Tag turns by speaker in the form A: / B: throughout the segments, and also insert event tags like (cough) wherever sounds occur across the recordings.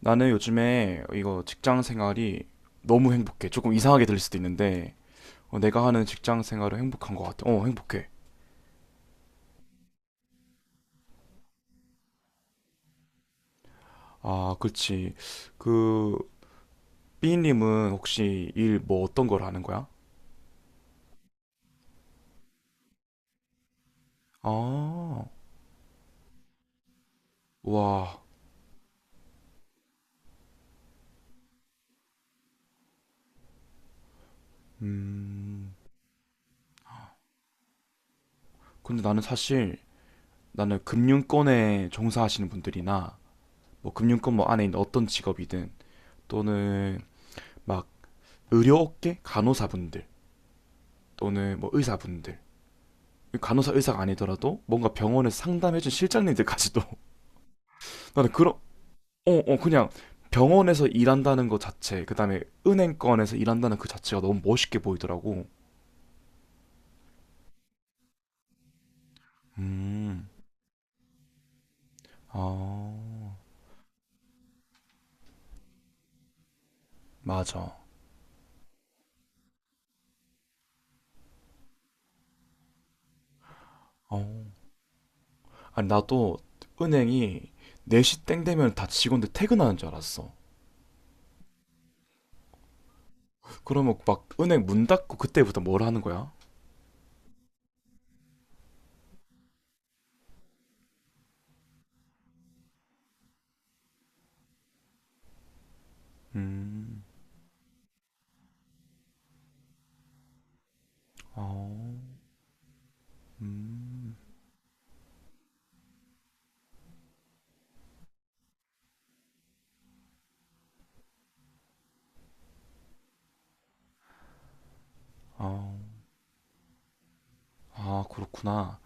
A: 나는 요즘에 이거 직장 생활이 너무 행복해. 조금 이상하게 들릴 수도 있는데, 내가 하는 직장 생활은 행복한 것 같아. 행복해. 아, 그렇지. 그, b 님은 혹시 일 뭐 어떤 걸 하는 거야? 아, 와, 음. 근데 나는 사실, 나는 금융권에 종사하시는 분들이나, 뭐 금융권 뭐 안에 있는 어떤 직업이든, 또는 막 의료 업계 간호사분들, 또는 뭐 의사분들, 간호사 의사가 아니더라도 뭔가 병원에서 상담해준 실장님들까지도 (laughs) 나는 그런 그냥 병원에서 일한다는 것 자체, 그다음에 은행권에서 일한다는 그 자체가 너무 멋있게 보이더라고. 음, 아, 맞아. 어. 아니, 나도 은행이 4시 땡 되면 다 직원들 퇴근하는 줄 알았어. 그러면 막 은행 문 닫고 그때부터 뭘 하는 거야? 음, 어, 음, 어. 아, 그렇구나.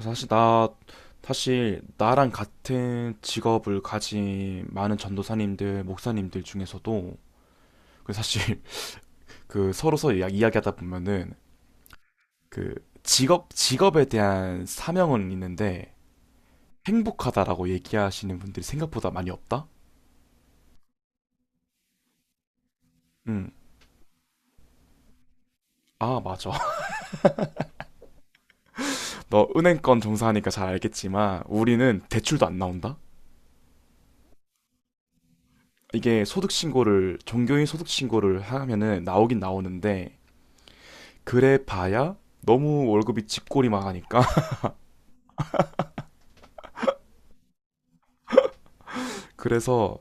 A: 사실 나 사실 나랑 같은 직업을 가진 많은 전도사님들, 목사님들 중에서도, 그 사실 (laughs) 그 서로서 이야기하다 보면은 그 직업 직업에 대한 사명은 있는데 행복하다라고 얘기하시는 분들이 생각보다 많이 없다. 응. 아, 맞아. (laughs) 너 은행권 종사하니까 잘 알겠지만 우리는 대출도 안 나온다. 이게 소득 신고를, 종교인 소득 신고를 하면은 나오긴 나오는데, 그래 봐야 너무 월급이 집꼬리만 하니까. (laughs) 그래서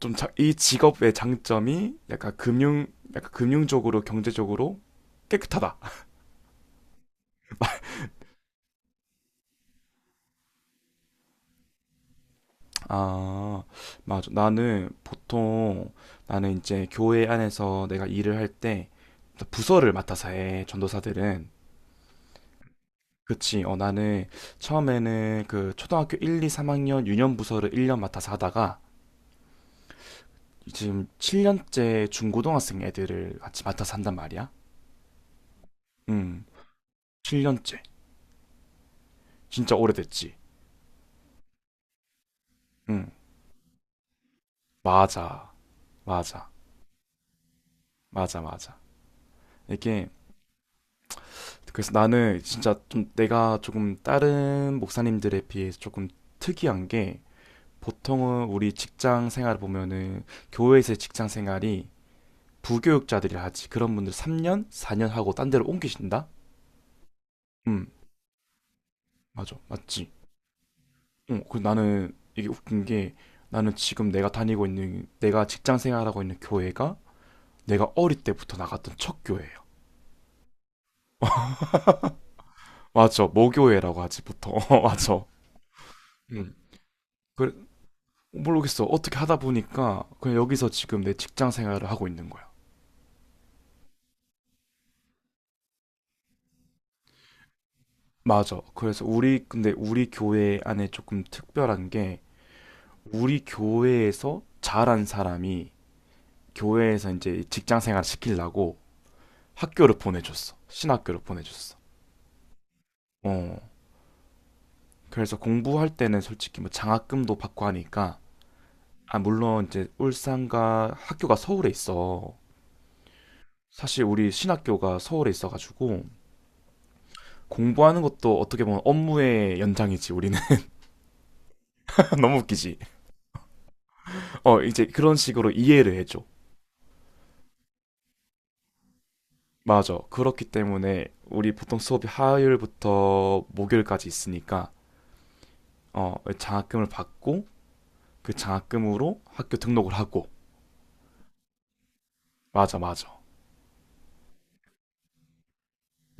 A: 좀 이 직업의 장점이 약간 금융적으로, 경제적으로 깨끗하다. (laughs) 아, 맞아. 나는 이제 교회 안에서 내가 일을 할 때 부서를 맡아서 해. 전도사들은, 그치, 나는 처음에는 그 초등학교 1, 2, 3학년 유년 부서를 1년 맡아서 하다가 지금 7년째 중고등학생 애들을 같이 맡아서 한단 말이야. 음, 7년째. 진짜 오래됐지. 음, 맞아. 맞아. 맞아, 맞아. 이게, 그래서 나는 진짜 좀, 내가 조금 다른 목사님들에 비해서 조금 특이한 게, 보통은 우리 직장 생활 보면은, 교회에서의 직장 생활이 부교육자들이 하지. 그런 분들 3년, 4년 하고 딴 데로 옮기신다? 음, 맞아. 맞지. 그 나는 이게 웃긴 게, 나는 지금 내가 다니고 있는, 내가 직장 생활하고 있는 교회가, 내가 어릴 때부터 나갔던 첫 교회. (laughs) 맞죠. 모교회라고 하지 보통. (laughs) 어, 맞아. 음. 그래. 모르겠어. 어떻게 하다 보니까 그냥 여기서 지금 내 직장 생활을 하고 있는 거야. 맞아. 그래서 우리 근데 우리 교회 안에 조금 특별한 게, 우리 교회에서 잘한 사람이 교회에서 이제 직장 생활 시키려고 학교를 보내줬어. 신학교를 보내줬어. 어. 그래서 공부할 때는 솔직히 뭐 장학금도 받고 하니까. 아, 물론 이제 울산과 학교가 서울에 있어. 사실 우리 신학교가 서울에 있어가지고 공부하는 것도 어떻게 보면 업무의 연장이지 우리는. (laughs) 너무 웃기지. 이제 그런 식으로 이해를 해줘. 맞아. 그렇기 때문에 우리 보통 수업이 화요일부터 목요일까지 있으니까 장학금을 받고 그 장학금으로 학교 등록을 하고. 맞아, 맞아.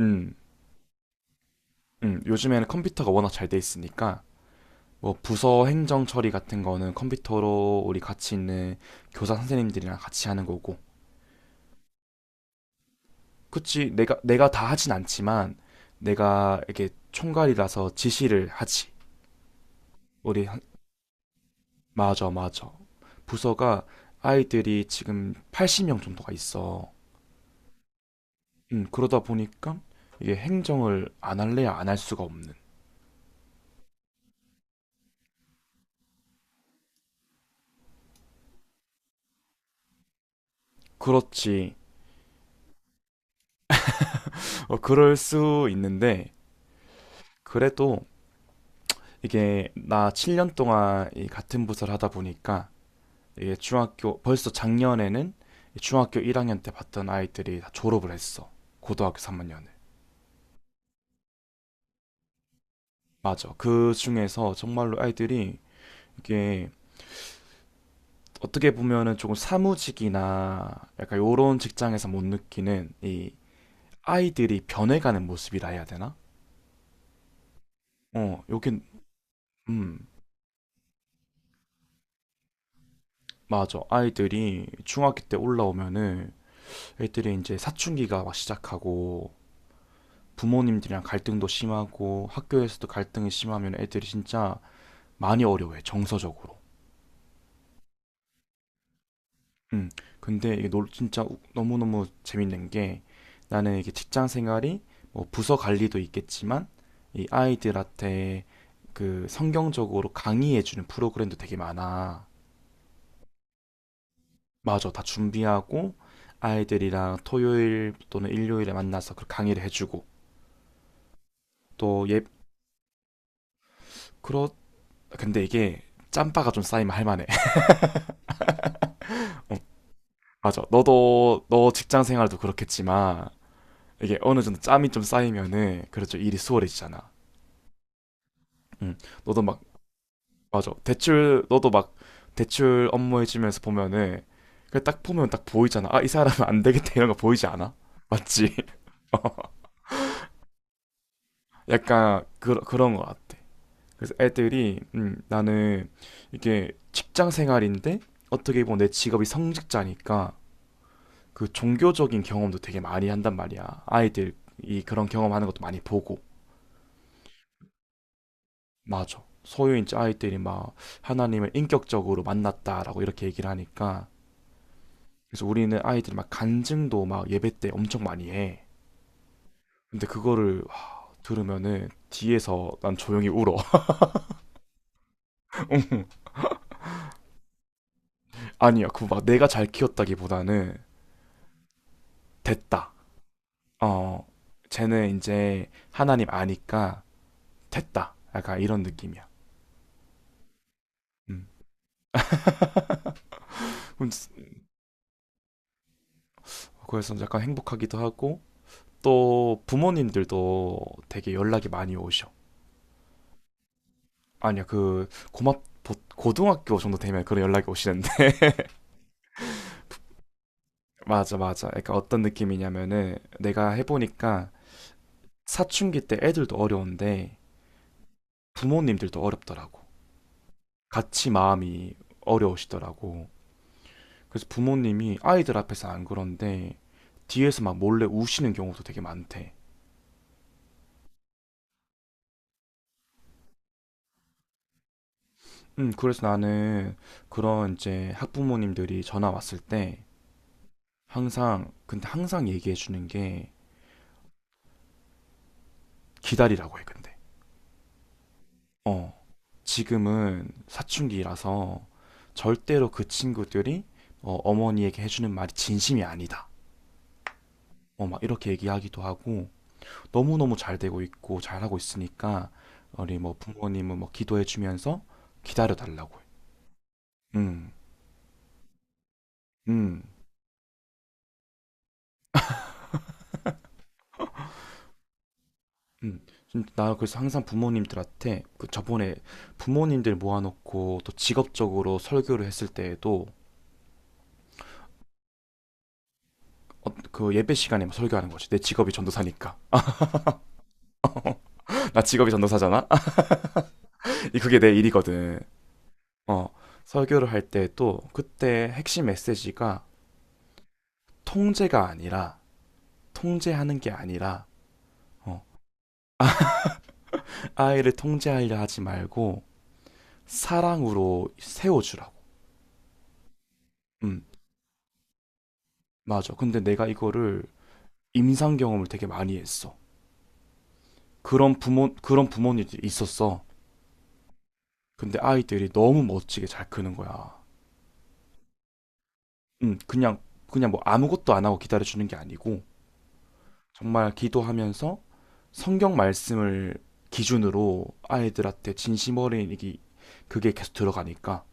A: 음, 요즘에는 컴퓨터가 워낙 잘 돼 있으니까 뭐 부서 행정 처리 같은 거는 컴퓨터로, 우리 같이 있는 교사 선생님들이랑 같이 하는 거고. 그치. 내가 다 하진 않지만 내가 이렇게 총괄이라서 지시를 하지. 우리 한- 맞아, 맞아. 부서가 아이들이 지금 80명 정도가 있어. 그러다 보니까 이게 행정을 안 할래야 안 할 수가 없는. 그렇지. 어, 그럴 수 있는데 그래도 이게 나 7년 동안 이 같은 부서를 하다 보니까, 이게 중학교 벌써 작년에는 이 중학교 1학년 때 봤던 아이들이 다 졸업을 했어. 고등학교 3학년을. 맞아. 그 중에서 정말로 아이들이, 이게 어떻게 보면은 조금 사무직이나 약간 요런 직장에서 못 느끼는, 이 아이들이 변해가는 모습이라 해야 되나? 여긴, 음, 맞아. 아이들이 중학교 때 올라오면은 애들이 이제 사춘기가 막 시작하고 부모님들이랑 갈등도 심하고 학교에서도 갈등이 심하면 애들이 진짜 많이 어려워해, 정서적으로. 음, 근데 이게 진짜 너무너무 재밌는 게, 나는 이게 직장 생활이, 뭐 부서 관리도 있겠지만 이 아이들한테 그 성경적으로 강의해주는 프로그램도 되게 많아. 맞아, 다 준비하고 아이들이랑 토요일 또는 일요일에 만나서 그 강의를 해주고. 또 예, 그렇, 근데 이게 짬바가 좀 쌓이면 할만해. (laughs) 어, 맞아. 너도, 너 직장 생활도 그렇겠지만 이게 어느 정도 짬이 좀 쌓이면은 그렇죠, 일이 수월해지잖아. 음, 너도 막, 맞아, 대출 너도 막 대출 업무 해주면서 보면은 그 딱 보면 딱 보이잖아. 아, 이 사람은 안 되겠다, 이런 거 보이지 않아? 맞지? (laughs) 어, 약간 그런 것 같아. 그래서 애들이, 나는 이게 직장 생활인데 어떻게 보면 내 직업이 성직자니까 그 종교적인 경험도 되게 많이 한단 말이야. 아이들이 그런 경험하는 것도 많이 보고. 맞아. 소유인 아이들이 막 하나님을 인격적으로 만났다라고 이렇게 얘기를 하니까, 그래서 우리는 아이들이 막 간증도 막 예배 때 엄청 많이 해. 근데 그거를 막 들으면은 뒤에서 난 조용히 울어. (laughs) 아니야, 그거 막 내가 잘 키웠다기보다는 됐다. 어, 쟤는 이제 하나님 아니까 됐다. 약간 이런 느낌이야. 음. 그래서 약간 행복하기도 하고 또 부모님들도 되게 연락이 많이 오셔. 아니요, 그 고맙 고등학교 정도 되면 그런 연락이 오시는데. (laughs) 맞아, 맞아. 그러니까 어떤 느낌이냐면은, 내가 해보니까 사춘기 때 애들도 어려운데 부모님들도 어렵더라고. 같이 마음이 어려우시더라고. 그래서 부모님이 아이들 앞에서 안 그런데 뒤에서 막 몰래 우시는 경우도 되게 많대. 그래서 나는 그런, 이제 학부모님들이 전화 왔을 때 항상, 근데 항상 얘기해 주는 게 기다리라고 해. 근데 어, 지금은 사춘기라서 절대로 그 친구들이, 어머니에게 해주는 말이 진심이 아니다. 막 이렇게 얘기하기도 하고, 너무너무 잘 되고 있고 잘하고 있으니까 우리 뭐 부모님은 뭐 기도해주면서 기다려 달라고. 음, 음, 좀 나 그래서 항상 부모님들한테 그 저번에 부모님들 모아놓고 또 직업적으로 설교를 했을 때에도, 그 예배 시간에 막 설교하는 거지. 내 직업이 전도사니까. (laughs) 나 직업이 전도사잖아. 그게 내 일이거든. 어, 설교를 할 때 또 그때 핵심 메시지가 통제가 아니라, 통제하는 게 아니라 어, 아이를 통제하려 하지 말고 사랑으로 세워주라고. 음, 맞아. 근데 내가 이거를 임상 경험을 되게 많이 했어. 그런 부모님들이 있었어. 근데 아이들이 너무 멋지게 잘 크는 거야. 음, 그냥 그냥 뭐 아무것도 안 하고 기다려 주는 게 아니고, 정말 기도하면서 성경 말씀을 기준으로 아이들한테 진심 어린이기 그게 계속 들어가니까.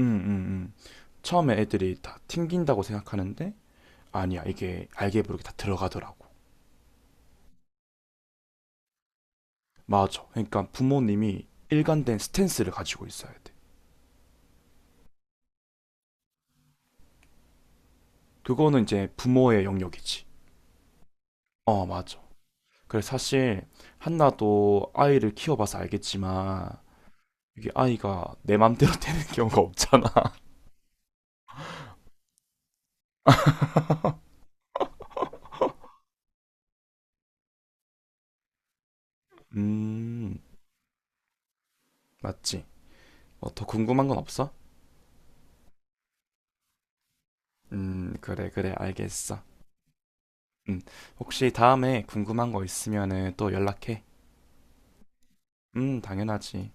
A: 음, 음, 음. 처음에 애들이 다 튕긴다고 생각하는데 아니야, 이게 알게 모르게 다 들어가더라고. 맞아. 그러니까 부모님이 일관된 스탠스를 가지고 있어야 돼. 그거는 이제 부모의 영역이지. 어, 맞아. 그래서 사실 한나도 아이를 키워봐서 알겠지만 이게 아이가 내 맘대로 (laughs) 되는 경우가 없잖아. (laughs) 음, 맞지. 뭐 더 궁금한 건 없어? 그래, 그래, 알겠어. 음, 혹시 다음에 궁금한 거 있으면은 또 연락해. 당연하지.